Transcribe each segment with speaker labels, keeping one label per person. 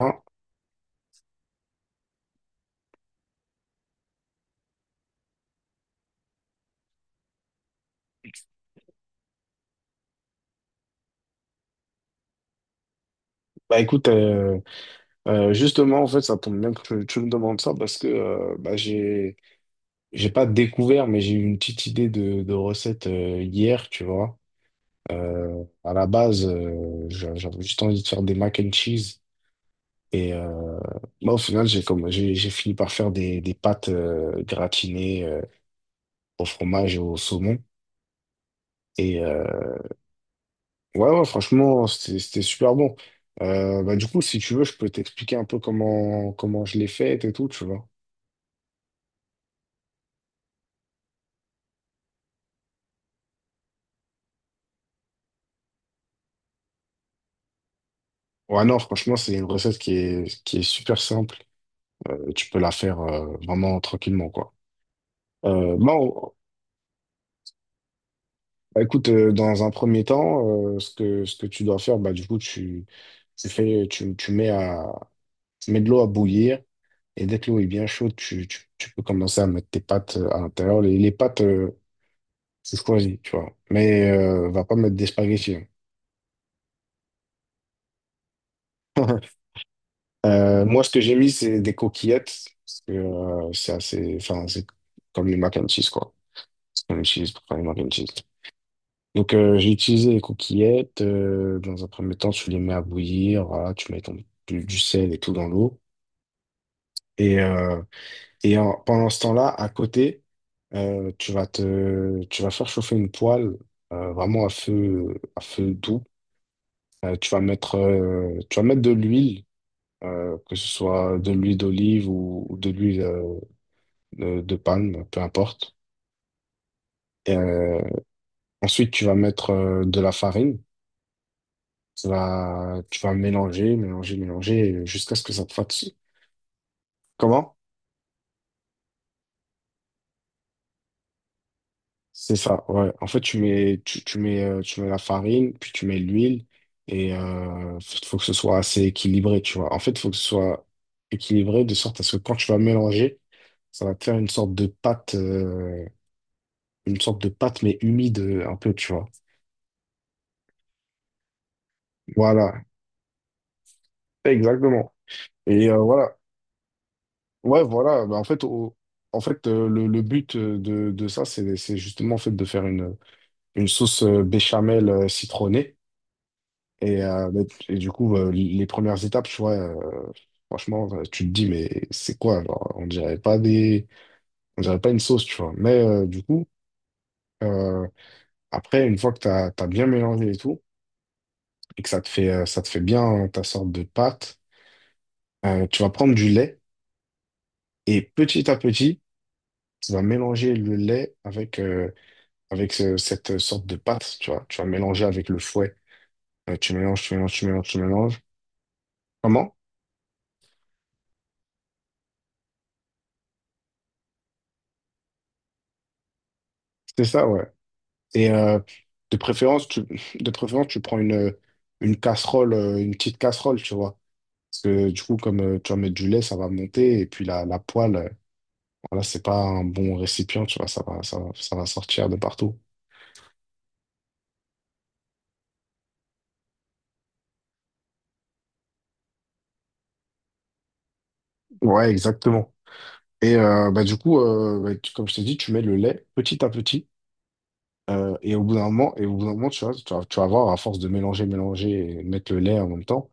Speaker 1: Hein. Bah écoute, justement, en fait, ça tombe bien que tu me demandes ça parce que bah, j'ai pas découvert, mais j'ai eu une petite idée de recette hier, tu vois. À la base, j'avais juste envie de faire des mac and cheese. Et bah, au final, j'ai fini par faire des pâtes gratinées au fromage et au saumon. Et ouais, ouais, franchement, c'était super bon. Bah, du coup, si tu veux, je peux t'expliquer un peu comment je l'ai faite et tout, tu vois. Ouais, non, franchement, c'est une recette qui est super simple. Tu peux la faire vraiment tranquillement, quoi. Euh, bah, on- bah, écoute, dans un premier temps, ce que tu dois faire, bah, du coup, tu fais, tu, tu mets à, tu mets de l'eau à bouillir. Et dès que l'eau est bien chaude, tu peux commencer à mettre tes pâtes à l'intérieur. Les pâtes, tu choisis, tu vois. Mais va pas mettre des spaghettis. Hein. Moi, ce que j'ai mis, c'est des coquillettes. Parce que c'est assez, enfin, c'est comme les mac and cheese, quoi. Mac and pour faire les mac and cheese. Donc, j'ai utilisé les coquillettes. Dans un premier temps, tu les mets à bouillir. Voilà, tu mets du sel et tout dans l'eau. Et, euh, pendant ce temps-là, à côté, tu vas faire chauffer une poêle vraiment à à feu doux. Tu vas mettre de l'huile, que ce soit de l'huile d'olive ou de l'huile de palme, peu importe. Et, euh, ensuite, tu vas mettre de la farine. Tu vas mélanger, mélanger, mélanger jusqu'à ce que ça te fatigue. Comment? C'est ça, ouais. En fait, tu mets la farine, puis tu mets l'huile, et faut que ce soit assez équilibré, tu vois. En fait, il faut que ce soit équilibré de sorte à ce que quand tu vas mélanger, ça va te faire une sorte de pâte, une sorte de pâte, mais humide, un peu, tu vois. Voilà, exactement. Et voilà, ouais, voilà. Bah, en fait, en fait, le but, de ça, c'est justement, en fait, de faire une sauce, béchamel, citronnée. Du coup, les premières étapes, tu vois, franchement, tu te dis, mais c'est quoi? Genre, on dirait pas une sauce, tu vois. Mais du coup, euh, après, une fois que tu as bien mélangé et tout, et que ça te fait bien hein, ta sorte de pâte. Tu vas prendre du lait et, petit à petit, tu vas mélanger le lait avec, cette sorte de pâte, tu vois. Tu vas mélanger avec le fouet. Tu mélanges, tu mélanges, tu mélanges, tu mélanges. Comment? C'est ça, ouais. Et, de préférence, tu prends une casserole, une petite casserole, tu vois. Parce que du coup, comme tu vas mettre du lait, ça va monter. Et puis la poêle, voilà, c'est pas un bon récipient, tu vois. Ça va sortir de partout. Ouais, exactement. Et bah, du coup, comme je t'ai dit, tu mets le lait petit à petit. Et au bout d'un moment, tu vois, tu vas voir, à force de mélanger, mélanger et mettre le lait en même temps,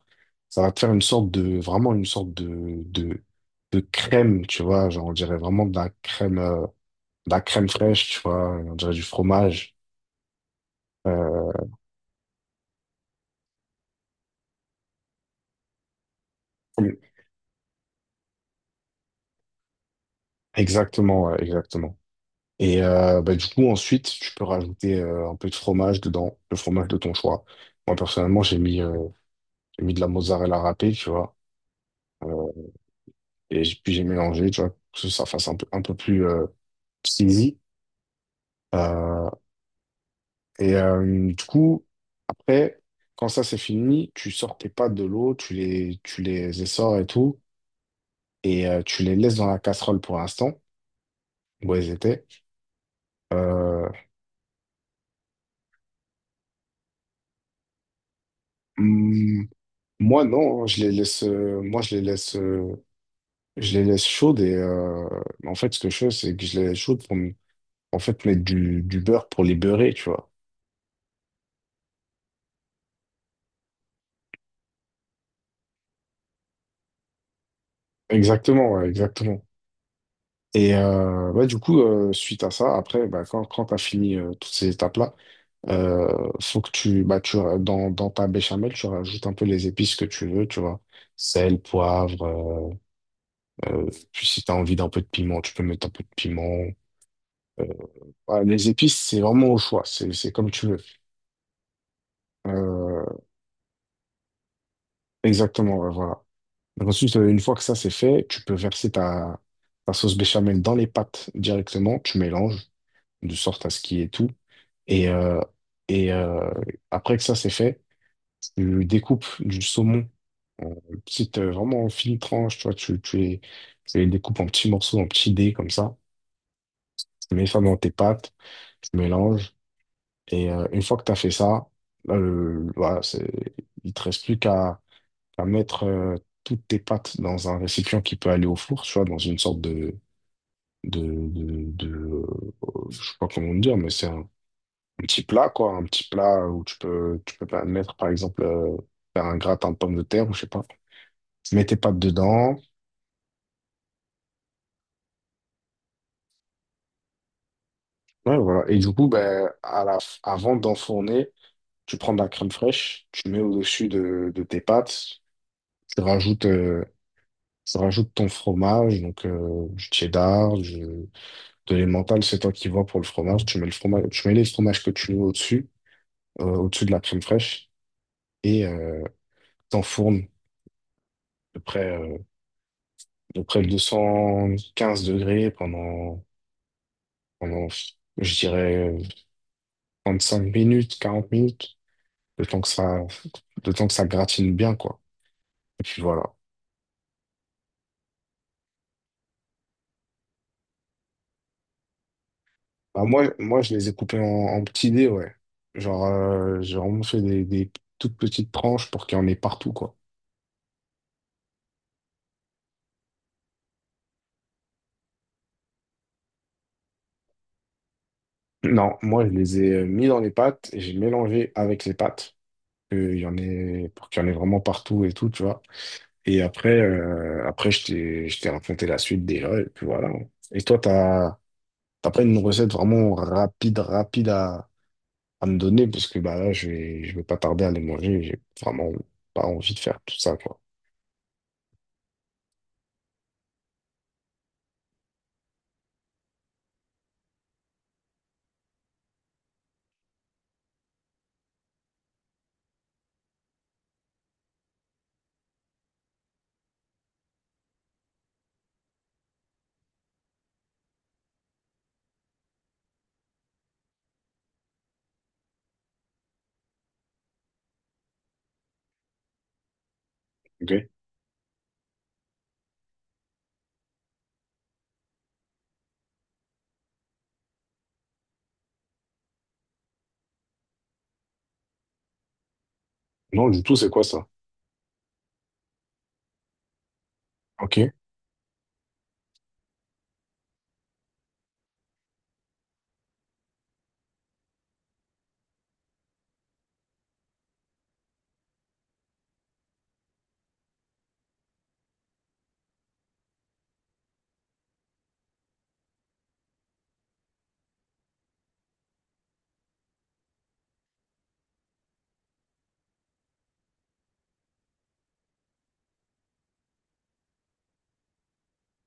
Speaker 1: ça va te faire vraiment une sorte de crème, tu vois, genre, on dirait vraiment de la crème fraîche, tu vois, on dirait du fromage. Euh, exactement, ouais, exactement. Et bah, du coup, ensuite, tu peux rajouter un peu de fromage dedans, le fromage de ton choix. Moi, personnellement, j'ai mis de la mozzarella râpée, tu vois. euh, Puis j'ai mélangé, tu vois, pour que ça fasse un peu plus. C'est easy. Euh, du coup, après, quand ça c'est fini, tu sors tes pâtes de l'eau, tu les essores et tout, et tu les laisses dans la casserole pour l'instant, où elles étaient. Euh, hmm, moi, non, hein, je les laisse chaudes, et en fait, ce que je fais, c'est que je les laisse chaudes en fait mettre du beurre pour les beurrer, tu vois. Exactement, ouais, exactement. Et, ouais, du coup, suite à ça, après, bah, quand tu as fini, toutes ces étapes-là, faut que tu, bah, tu, dans, dans ta béchamel, tu rajoutes un peu les épices que tu veux, tu vois. Sel, poivre, puis si tu as envie d'un peu de piment, tu peux mettre un peu de piment. Euh, voilà, les épices, c'est vraiment au choix, c'est comme tu veux. Euh, exactement, ouais, voilà. Donc, ensuite, une fois que ça c'est fait, tu peux verser ta sauce béchamel dans les pâtes directement, tu mélanges de sorte à ce qu'il y ait tout. Et, euh, et euh, après que ça c'est fait, tu découpes du saumon en vraiment en fines tranches, tu vois. Tu les découpes en petits morceaux, en petits dés comme ça. Tu mets ça dans tes pâtes, tu mélanges. Et, une fois que tu as fait ça, là, il te reste plus qu'à mettre, toutes tes pâtes dans un récipient qui peut aller au four, tu vois, dans une sorte de, de, je sais pas comment dire, mais c'est un petit plat, quoi, un petit plat où tu peux mettre, par exemple, faire un gratin de pommes de terre, ou je sais pas. Tu mets tes pâtes dedans. Ouais, voilà. Et du coup, ben, avant d'enfourner, tu prends de la crème fraîche, tu mets au-dessus de tes pâtes, tu rajoutes, euh, tu rajoutes ton fromage, donc du cheddar, de l'emmental, c'est toi qui vois pour le fromage. Tu mets le fromage, tu mets les fromages que tu veux au-dessus de la crème fraîche, et t'enfournes de près, euh, de près de 215 degrés pendant, je dirais, 35 minutes, 40 minutes. le temps que ça, le temps que ça gratine bien, quoi. Et puis voilà. Bah, moi, je les ai coupés en petits dés, ouais. Genre, j'ai vraiment fait des toutes petites tranches pour qu'il y en ait partout, quoi. Non, moi, je les ai mis dans les pâtes et j'ai mélangé avec les pâtes. Il y en ait, pour qu'il y en ait vraiment partout et tout, tu vois. Et après, je t'ai, raconté la suite déjà, et puis voilà. Et toi, t'as pas une recette vraiment rapide, rapide à me donner, parce que bah là je vais pas tarder à les manger, j'ai vraiment pas envie de faire tout ça, quoi. Ok. Non, du tout, c'est quoi ça? Ok,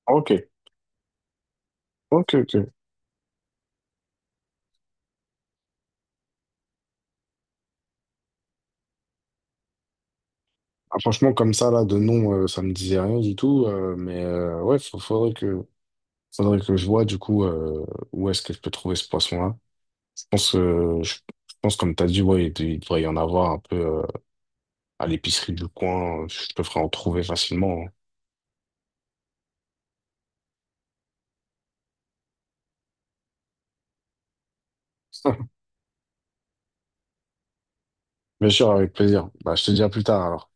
Speaker 1: ok. Ok, ok. Ah, franchement comme ça là de nom, ça me disait rien du tout, mais ouais, faudrait que je vois, du coup, où est-ce que je peux trouver ce poisson là. Je pense, comme t'as dit, ouais, il devrait y en avoir un peu, à l'épicerie du coin. Je te ferai en trouver facilement. Hein. Bien sûr, avec plaisir. Bah, je te dis à plus tard alors.